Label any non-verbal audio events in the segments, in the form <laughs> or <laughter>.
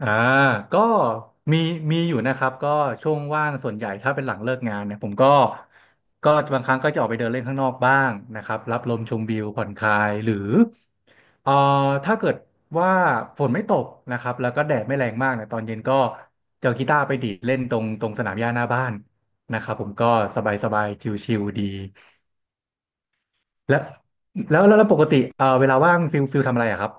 อ่าก็มีมีอยู่นะครับก็ช่วงว่างส่วนใหญ่ถ้าเป็นหลังเลิกงานเนี่ยผมก็บางครั้งก็จะออกไปเดินเล่นข้างนอกบ้างนะครับรับลมชมวิวผ่อนคลายหรือเอ่อถ้าเกิดว่าฝนไม่ตกนะครับแล้วก็แดดไม่แรงมากเนี่ยตอนเย็นก็จะเอากีตาร์ไปดีดเล่นตรงสนามหญ้าหน้าบ้านนะครับผมก็สบายสบายชิลๆดีและแล้วแล้วแล้วปกติเวลาว่างฟิลทำอะไรอะครับ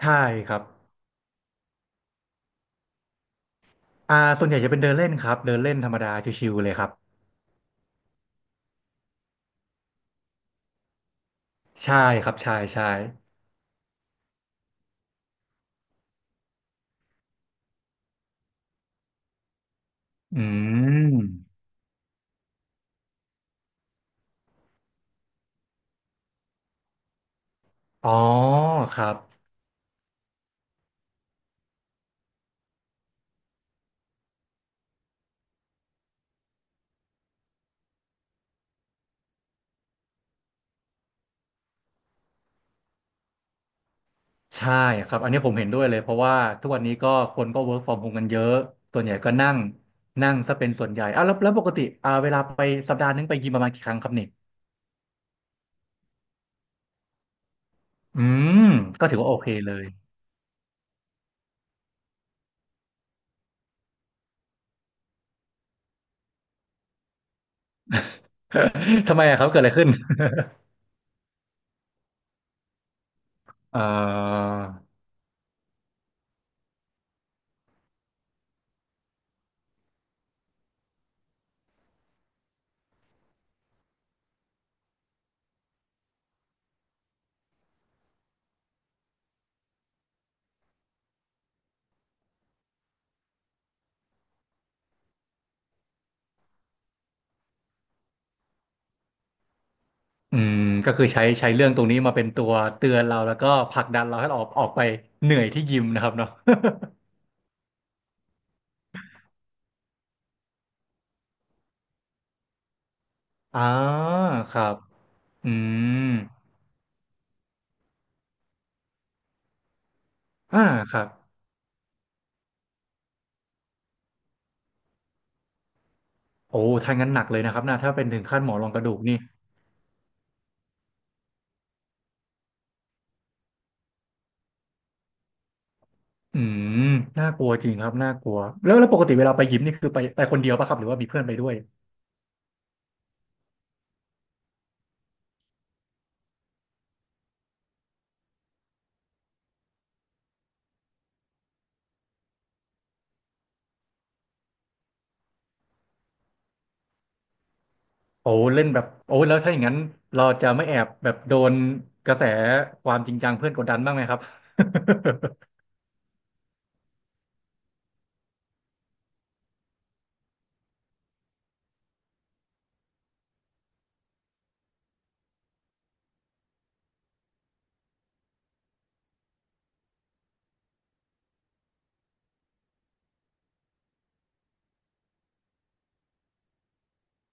ใช่ครับส่วนใหญ่จะเป็นเดินเล่นครับเดินเล่นธรรมดาชิวๆเลยครับ ใช่ครับใช่ใช่อืมอ๋อครับใช่ครับอันนี้ผมเห็นด้วยเลยเพราะว่าทุกวันนี้ก็คนก็ work from home กันเยอะส่วนใหญ่ก็นั่งนั่งซะเป็นส่วนใหญ่อ่ะแล้วปกติเวลาไปสัปดาห์นึงไปยิมประมาณกี่ครั้งครับเนี่ยอืมก็ถือว่าโอเคเลย <laughs> ทำไมอะครับเกิดอะไรขึ้นเอ่ออืมก็คือใช้เรื่องตรงนี้มาเป็นตัวเตือนเราแล้วก็ผลักดันเราให้เราออกไปเหนื่อยที่ยิมนะครับเนาะ <laughs> อ่าครับอืม อ่าครับโอ้ถ้างั้นหนักเลยนะครับนะถ้าเป็นถึงขั้นหมอรองกระดูกนี่อืมน่ากลัวจริงครับน่ากลัวแล้วปกติเวลาไปยิมนี่คือไปคนเดียวป่ะครับหรือว่ามีเพื่อนไปด้วยโอ้เล่นแบบโอ้แล้วถ้าอย่างนั้นเราจะไม่แอบแบบโดนกระแสความจริงจังเพื่อนกดดันบ้างไหมครับ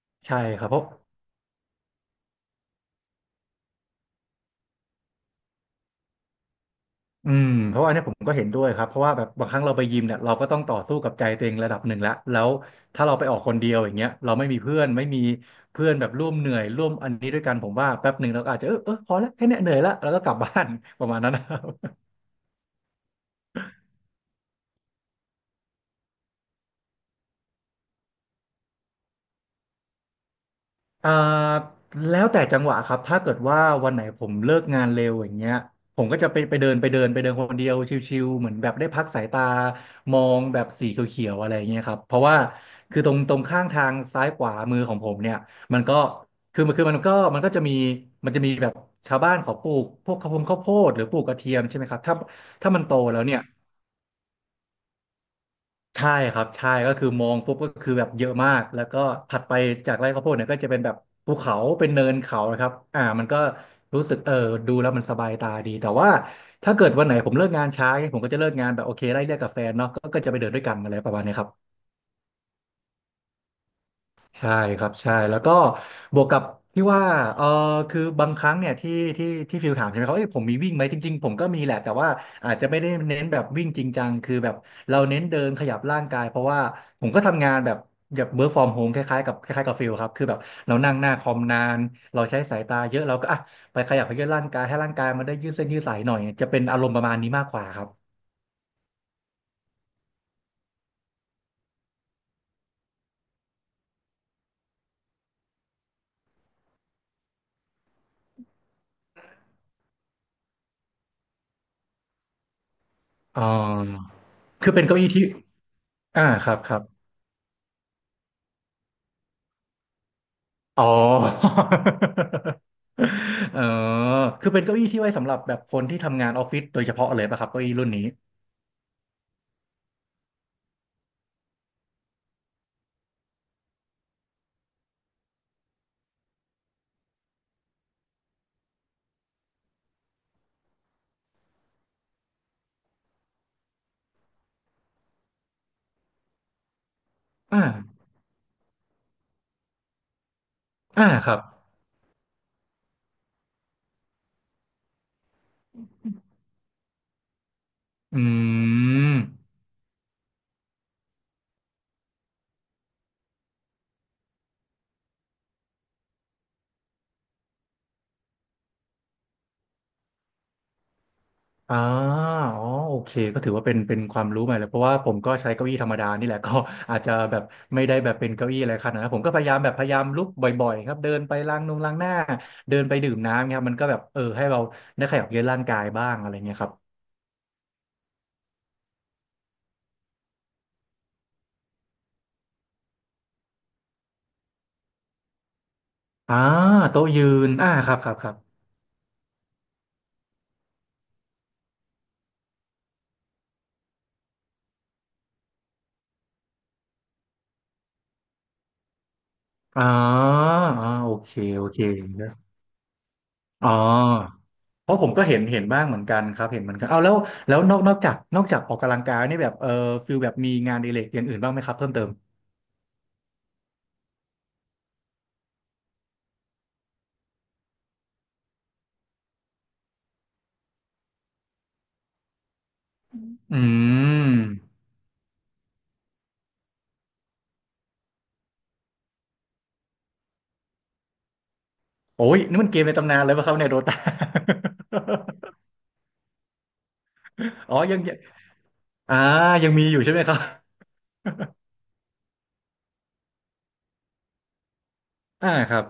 <laughs> ใช่ครับเพราะ อืมเพราะว่าเนี่ยผมก็เห็นด้วยครับเพราะว่าแบบบางครั้งเราไปยิมเนี่ยเราก็ต้องต่อสู้กับใจตัวเองระดับหนึ่งแล้วถ้าเราไปออกคนเดียวอย่างเงี้ยเราไม่มีเพื่อนแบบร่วมเหนื่อยร่วมอันนี้ด้วยกันผมว่าแป๊บหนึ่งเราก็อาจจะเออเออพอแล้วแค่เนี้ยเหนื่อยละแล้วก็กลับบ้าน <laughs> ประมาณนั้นนะ อ่าแล้วแต่จังหวะครับถ้าเกิดว่าวันไหนผมเลิกงานเร็วอย่างเงี้ยผมก็จะไปเดินคนเดียวชิวๆเหมือนแบบได้พักสายตามองแบบสีเขียวๆอะไรอย่างเงี้ยครับเพราะว่าคือตรงข้างทางซ้ายขวามือของผมเนี่ยมันก็มันก็จะมีแบบชาวบ้านเขาปลูกพวกข้าวโพดหรือปลูกกระเทียมใช่ไหมครับถ้ามันโตแล้วเนี่ย ใช่ครับใช่ก็คือมองปุ๊บก็คือแบบเยอะมากแล้วก็ถัดไปจากไร่ข้าวโพดเนี่ยก็จะเป็นแบบภูเขาเป็นเนินเขานะครับอ่ามันก็รู้สึกเออดูแล้วมันสบายตาดีแต่ว่าถ้าเกิดวันไหนผมเลิกงานช้าเนี่ยผมก็จะเลิกงานแบบโอเคไล่เรียกกับแฟนเนาะก็จะไปเดินด้วยกันอะไรประมาณเนี้ยครับ ใช่ครับใช่แล้วก็บวกกับที่ว่าเออคือบางครั้งเนี่ยที่ฟิลถามใช่ไหมครับเอ้ยผมมีวิ่งไหมจริงๆผมก็มีแหละแต่ว่าอาจจะไม่ได้เน้นแบบวิ่งจริงจังคือแบบเราเน้นเดินขยับร่างกายเพราะว่าผมก็ทำงานแบบแบบเ o r ร์กฟอร์มโฮมคล้ายๆกับคล้ายๆกับฟิลครับคือแบบเรานั่งหน้าคอมนานเราใช้สายตาเยอะเราก็อ่ะไปขยับไปยืดร่างกายให้ร่างกายมันได้ยืดเส้นยืดสายหน่อยจะเป็นอารมณ์ประมาณนี้มากกว่าครับอ๋อคือเป็นเก้าอี้ที่อ่าครับครับ อ๋อ <laughs> เออคือเป็นเก้าอี้ที่ไว้สำหรับแบบคนที่ทำงานออฟฟิศโดยเฉพาะเลยป่ะครับเก้าอี้รุ่นนี้อ่าอ่าครับอืมอ่าอ๋อโอเคก็ถือว่าเป็นความรู้ใหม่เลยเพราะว่าผมก็ใช้เก้าอี้ธรรมดานี่แหละ <laughs> ก็อาจจะแบบไม่ได้แบบเป็นเก้าอี้อะไรขนาดนั้นผมก็พยายามลุกบ่อยๆครับเดินไปล้างนงล้างหน้าเดินไปดื่มน้ำเงียครับมันก็แบบเออให้เราได้ขยับเยื้อนร่างกายบ้างอะไรเงี้ยครับอ่าโต๊ะยืนอ่าครับครับครับ อ๋ออ๋อโอเคโอเคนะอ๋อเพราะผมก็เห็นบ้างเหมือนกันครับเห็นเหมือนกันเอาแล้วแล้วนอกจากออกกำลังกายนี่แบบฟิลแบบมีงานอดิเรกอย่างอื่นบ้างไหมครับเพิ่มเติมอืมโอ้ยนี่มันเกมในตำนานเลยป่ะครับเนี่ยโดตา <laughs> อ๋อยังยังอ่ายังมีอยู่ใช่ไหมครับอ่าครับ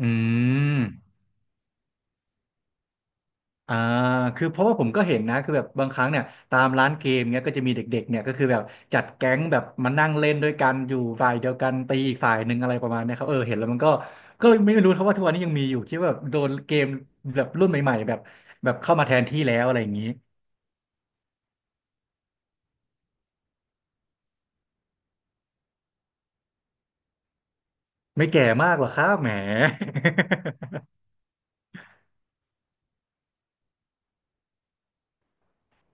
อืม อ่าคือเพราะว่าผมก็เห็นนะคือแบบบางครั้งเนี่ยตามร้านเกมเนี้ยก็จะมีเด็กๆเนี่ยก็คือแบบจัดแก๊งแบบมานั่งเล่นด้วยกันอยู่ฝ่ายเดียวกันตีอีกฝ่ายหนึ่งอะไรประมาณเนี้ยครับเออเห็นแล้วมันก็ไม่รู้ครับว่าทุกวันนี้ยังมีอยู่คิดว่าแบบโดนเกมแบบรุ่นใหม่ๆแบบเข้ามาแทนที่แล้วอะไรอย่างนี้ไม่แก่มากหรอกครับแหม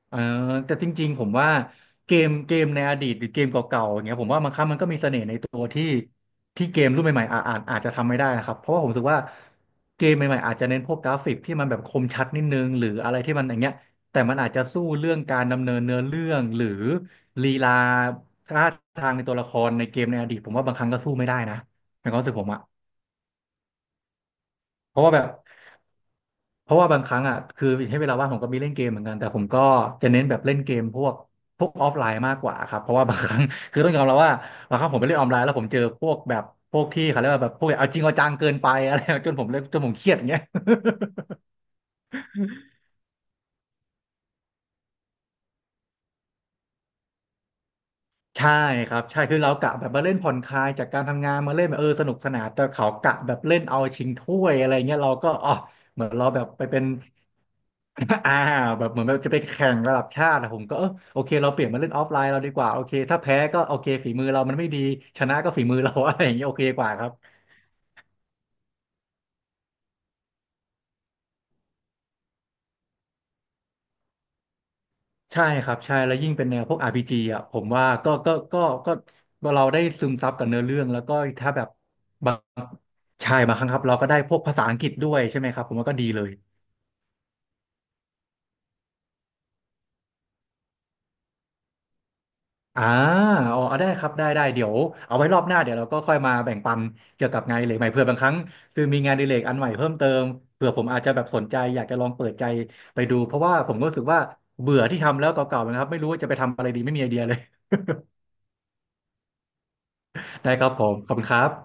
เออแต่จริงๆผมว่าเกมในอดีตหรือเกมเก่าๆอย่างเงี้ยผมว่ามันครั้งมันก็มีเสน่ห์ในตัวที่เกมรุ่นใหม่ๆอาจจะทำไม่ได้นะครับเพราะว่าผมรู้สึกว่าเกมใหม่ๆอาจจะเน้นพวกกราฟิกที่มันแบบคมชัดนิดนึงหรืออะไรที่มันอย่างเงี้ยแต่มันอาจจะสู้เรื่องการดำเนินเนื้อเรื่องหรือลีลาท่าทางในตัวละครในเกมในอดีตผมว่าบางครั้งก็สู้ไม่ได้นะในความรู้สึกผมอะเพราะว่าแบบ เพราะว่าบางครั้งอ่ะคือให้เวลาว่างผมก็มีเล่นเกมเหมือนกันแต่ผมก็จะเน้นแบบเล่นเกมพวกออฟไลน์มากกว่าครับเพราะว่าบางครั้ง <laughs> คือต้องยอมรับว่าบางครั้งผมไปเล่นออนไลน์แล้วผมเจอพวกแบบพวกที่เขาเรียกว่าแบบพวกเอาจริงเอาจังเกินไปอะไร <laughs> จนผมเล่นจนผมเครียดอย่างเงี้ย <laughs> ใช่ครับใช่คือเรากะแบบมาเล่นผ่อนคลายจากการทำงานมาเล่นแบบเออสนุกสนานแต่เขากะแบบเล่นเอาชิงถ้วยอะไรเงี้ยเราก็อ๋อเหมือนเราแบบไปเป็น อ่าแบบเหมือนแบบจะไปแข่งระดับชาติอะผมก็เออโอเคเราเปลี่ยนมาเล่นออฟไลน์เราดีกว่าโอเคถ้าแพ้ก็โอเคฝีมือเรามันไม่ดีชนะก็ฝีมือเรา <laughs> อะไรอย่างเงี้ยโอเคกว่าครับใช่ครับใช่แล้วยิ่งเป็นแนวพวก RPG อ่ะผมว่าก็ก็เราได้ซึมซับกับเนื้อเรื่องแล้วก็ถ้าแบบบางใช่บางครั้งครับเราก็ได้พวกภาษาอังกฤษด้วยใช่ไหมครับผมว่าก็ดีเลย อ่าอ๋อเอาได้ครับได้ได้เดี๋ยวเอาไว้รอบหน้าเดี๋ยวเราก็ค่อยมาแบ่งปันเกี่ยวกับงานอดิเรกใหม่เผื่อบางครั้งคือมีงานอดิเรกอันใหม่เพิ่มเติมเผื่อผมอาจจะแบบสนใจอยากจะลองเปิดใจไปดูเพราะว่าผมก็รู้สึกว่าเบื่อที่ทำแล้วเก่าๆนะครับไม่รู้ว่าจะไปทำอะไรดีไม่มีไอเดียเลย <laughs> ได้ครับผมขอบคุณครับ